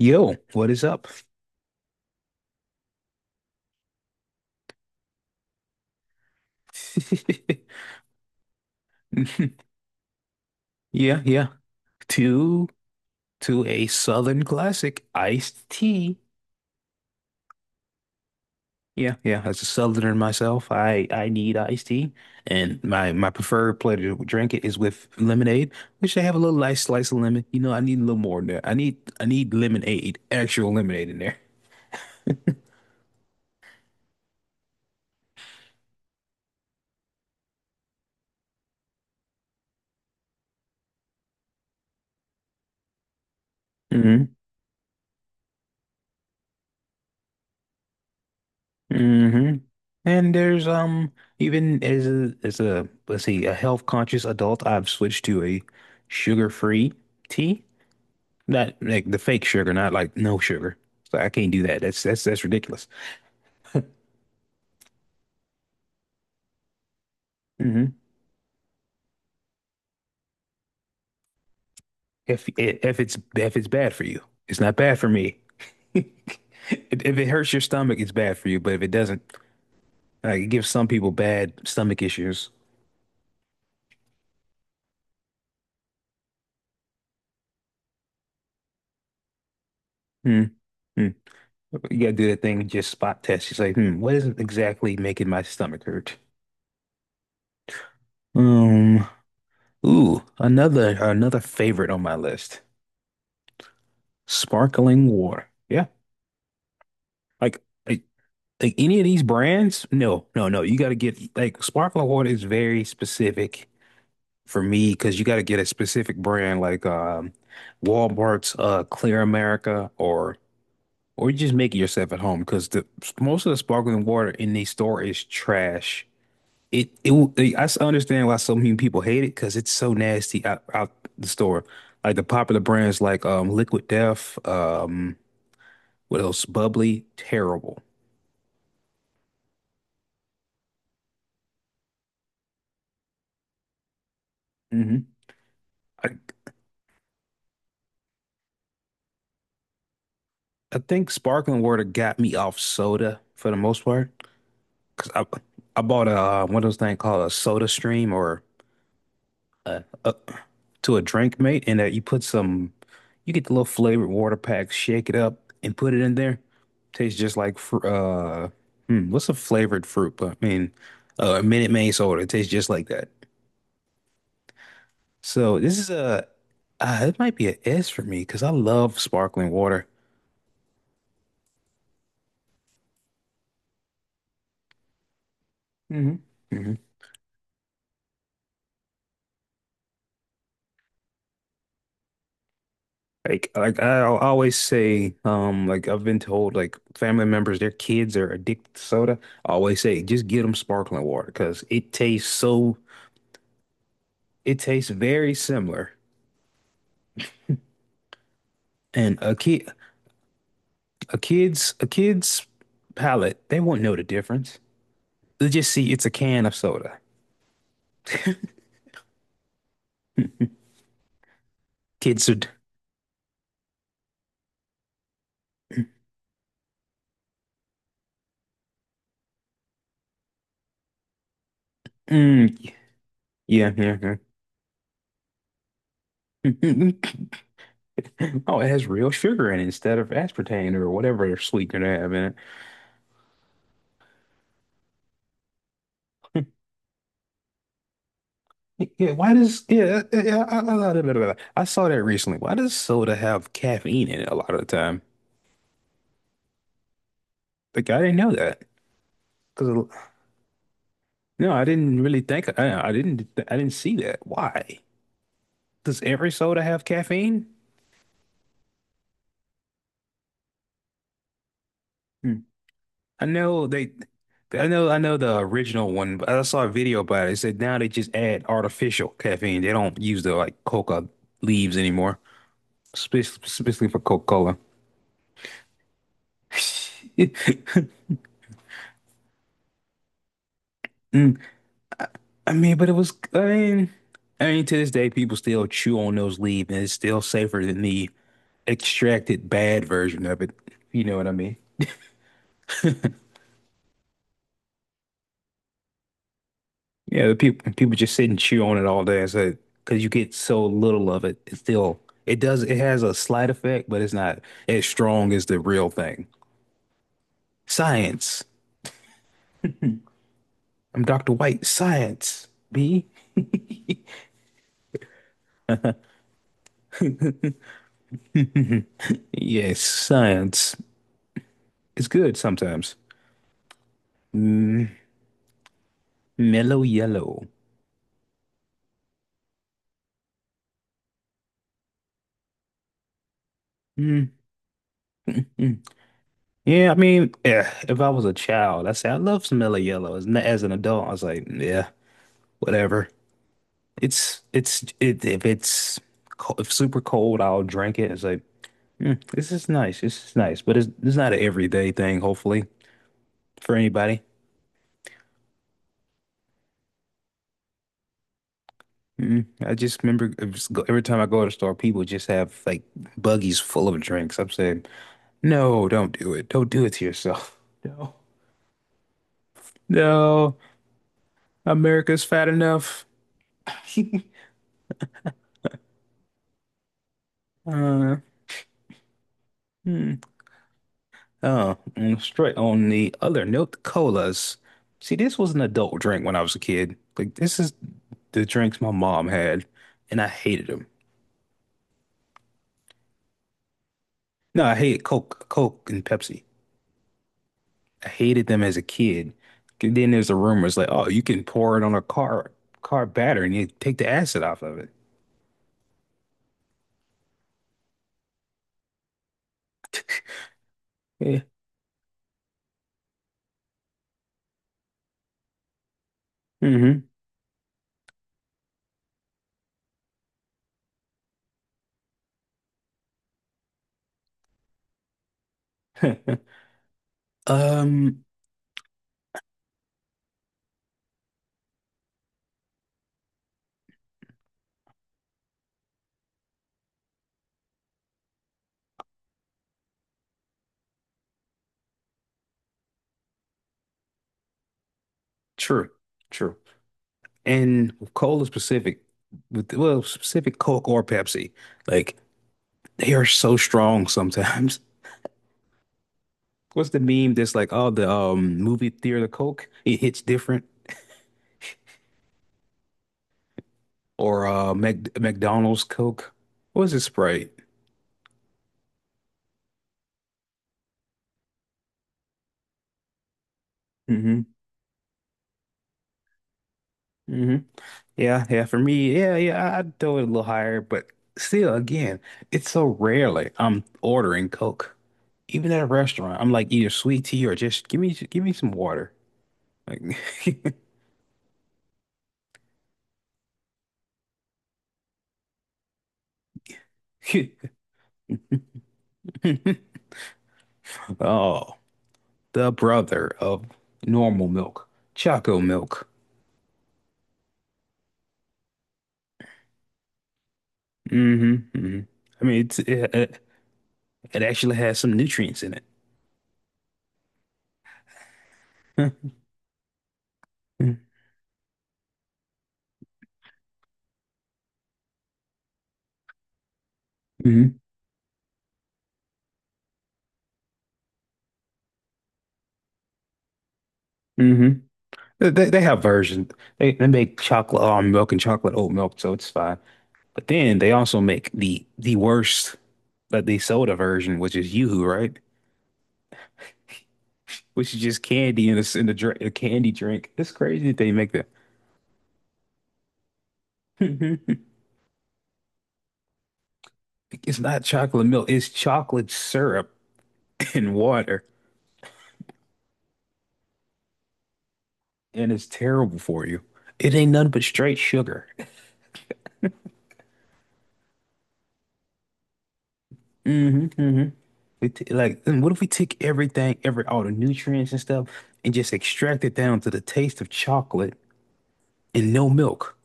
Yo, what is up? Yeah, yeah. To to a Southern classic, iced tea. Yeah, yeah. As a Southerner myself, I need iced tea, and my preferred play to drink it is with lemonade, which I have a little nice slice of lemon. I need a little more in there. I need lemonade, actual lemonade in there. Hmm And there's even as a let's see a health conscious adult, I've switched to a sugar free tea. Not like the fake sugar, not like no sugar. So I can't do that. That's ridiculous. Hmm If it's bad for you, it's not bad for me. If it hurts your stomach, it's bad for you. But if it doesn't, like it gives some people bad stomach issues. Hmm. Hmm. You gotta do that thing, just spot test. It's like, hmm, what is exactly making my stomach hurt? Um, Ooh, another favorite on my list. Sparkling water. Yeah. Like like, like any of these brands? No, no, no. You gotta get like sparkling water is very specific for me because you gotta get a specific brand like Walmart's Clear America, or you just make it yourself at home because the most of the sparkling water in the store is trash. It w- like, I s- Understand why so many people hate it because it's so nasty out, out the store. Like the popular brands like Liquid Death, what else? Bubbly, terrible. Hmm I think sparkling water got me off soda for the most part because I bought a one of those things called a Soda Stream or uh, uh, to a drink, mate, and you put some, you get the little flavored water packs, shake it up, and put it in there. Tastes just like what's a flavored fruit? But I mean, Minute Maid soda. It tastes just like that. So this is a, it might be an S for me because I love sparkling water. Hmm hmm Like, always say, like I've been told, like family members, their kids are addicted to soda. I always say, just get them sparkling water because it tastes so it tastes very similar. And a kid's palate, they won't know the difference. They just see it's a can of soda. Kids would, mm, yeah, yeah, yeah. Oh, it has real sugar in it instead of aspartame or whatever sweetener they have in it. Yeah, why does, yeah, yeah, yeah, yeah, I saw that recently. Why does soda have caffeine in it a lot of the time? Like, I didn't know that. Because, no, I didn't really think, I didn't see that. Why? Does every soda have caffeine? Hmm. I know they, I know the original one, but I saw a video about it. It said now they just add artificial caffeine. They don't use the like coca leaves anymore, specifically for Coca-Cola. Mm. I mean, but it was, I mean, to this day, people still chew on those leaves, and it's still safer than the extracted bad version of it. You know what I mean? Yeah, the people just sit and chew on it all day. So, because you get so little of it, it still it does it has a slight effect, but it's not as strong as the real thing. Science. I'm Dr. White. Science. B. Yes, science. It's good sometimes. Mm, mellow yellow. Mm, mm. Yeah, I mean, yeah, if I was a child, I say I love some mellow yellow. As an adult, I was like, yeah, whatever. It's it if it's if super cold, I'll drink it. It's like mm, this is nice. This is nice, but it's not an everyday thing. Hopefully for anybody. Mm, I just remember it was every time I go to the store, people just have like buggies full of drinks. I'm saying, no, don't do it. Don't do it to yourself. No, no, America's fat enough. Uh, hmm. And straight on the other note, colas. See, this was an adult drink when I was a kid. Like this is the drinks my mom had, and I hated them. No, I hated Coke, Coke and Pepsi. I hated them as a kid. And then there's the rumors like, oh, you can pour it on a car battery and you take the acid off of it. Yeah. Mm-hmm. Um, true, true. And with cola specific, with well, specific Coke or Pepsi, like they are so strong sometimes. What's the meme that's like, oh, the movie theater Coke, it hits different, or Mac McDonald's Coke. What's it Sprite? Hmm hmm Yeah, yeah. For me, yeah, yeah. I'd throw it a little higher, but still, again, it's so rarely I'm ordering Coke. Even at a restaurant, I'm like either sweet tea or just give me some water. Like, oh, the brother of normal milk, Choco milk. Hmm hmm I mean, it's, it actually has some nutrients in it. Mm-hmm. hmm they have versions. They make chocolate almond milk and chocolate oat milk, so it's fine. But then they also make the worst, like the soda version, which is Yoo-hoo, right? Which is just candy in drink, a candy drink. It's crazy that they make that. It's not chocolate milk. It's chocolate syrup and water, and it's terrible for you. It ain't nothing but straight sugar. hmm hmm then what if we took everything, every all the nutrients and stuff, and just extract it down to the taste of chocolate and no milk?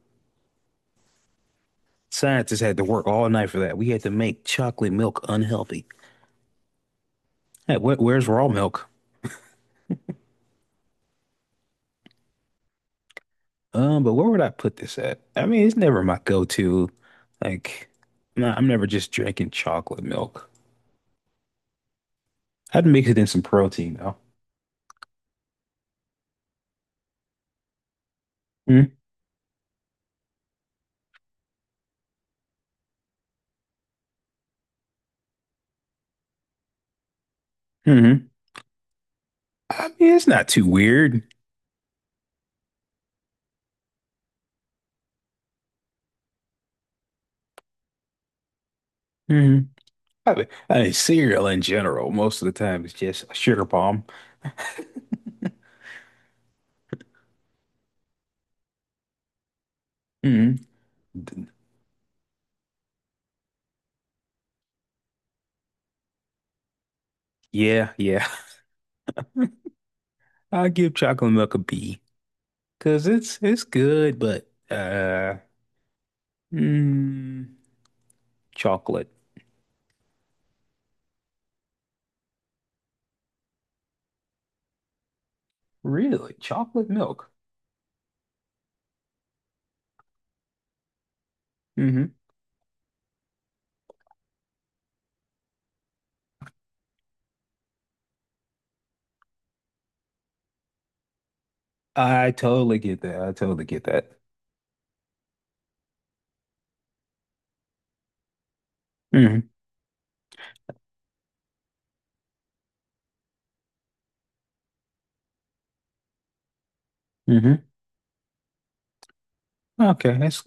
Scientists had to work all night for that. We had to make chocolate milk unhealthy. Hey, where's raw milk? But where would I put this at? I mean, it's never my go-to. Like, nah, I'm never just drinking chocolate milk. I'd mix it in some protein though. Mm-hmm. Mm-hmm. I mean, it's not too weird. Mm-hmm. I mean, cereal in general, most of the time it's just a sugar bomb. hmm Yeah, yeah. I give chocolate milk a B because it's good, but mm, chocolate. Really? Chocolate milk. Hmm I totally get that. I totally get that. Hmm hmm Okay, that's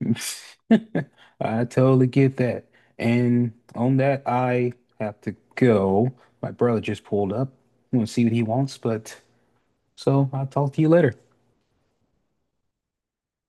I totally get that. And on that, I have to go. My brother just pulled up. I'm gonna see what he wants, but so I'll talk to you later.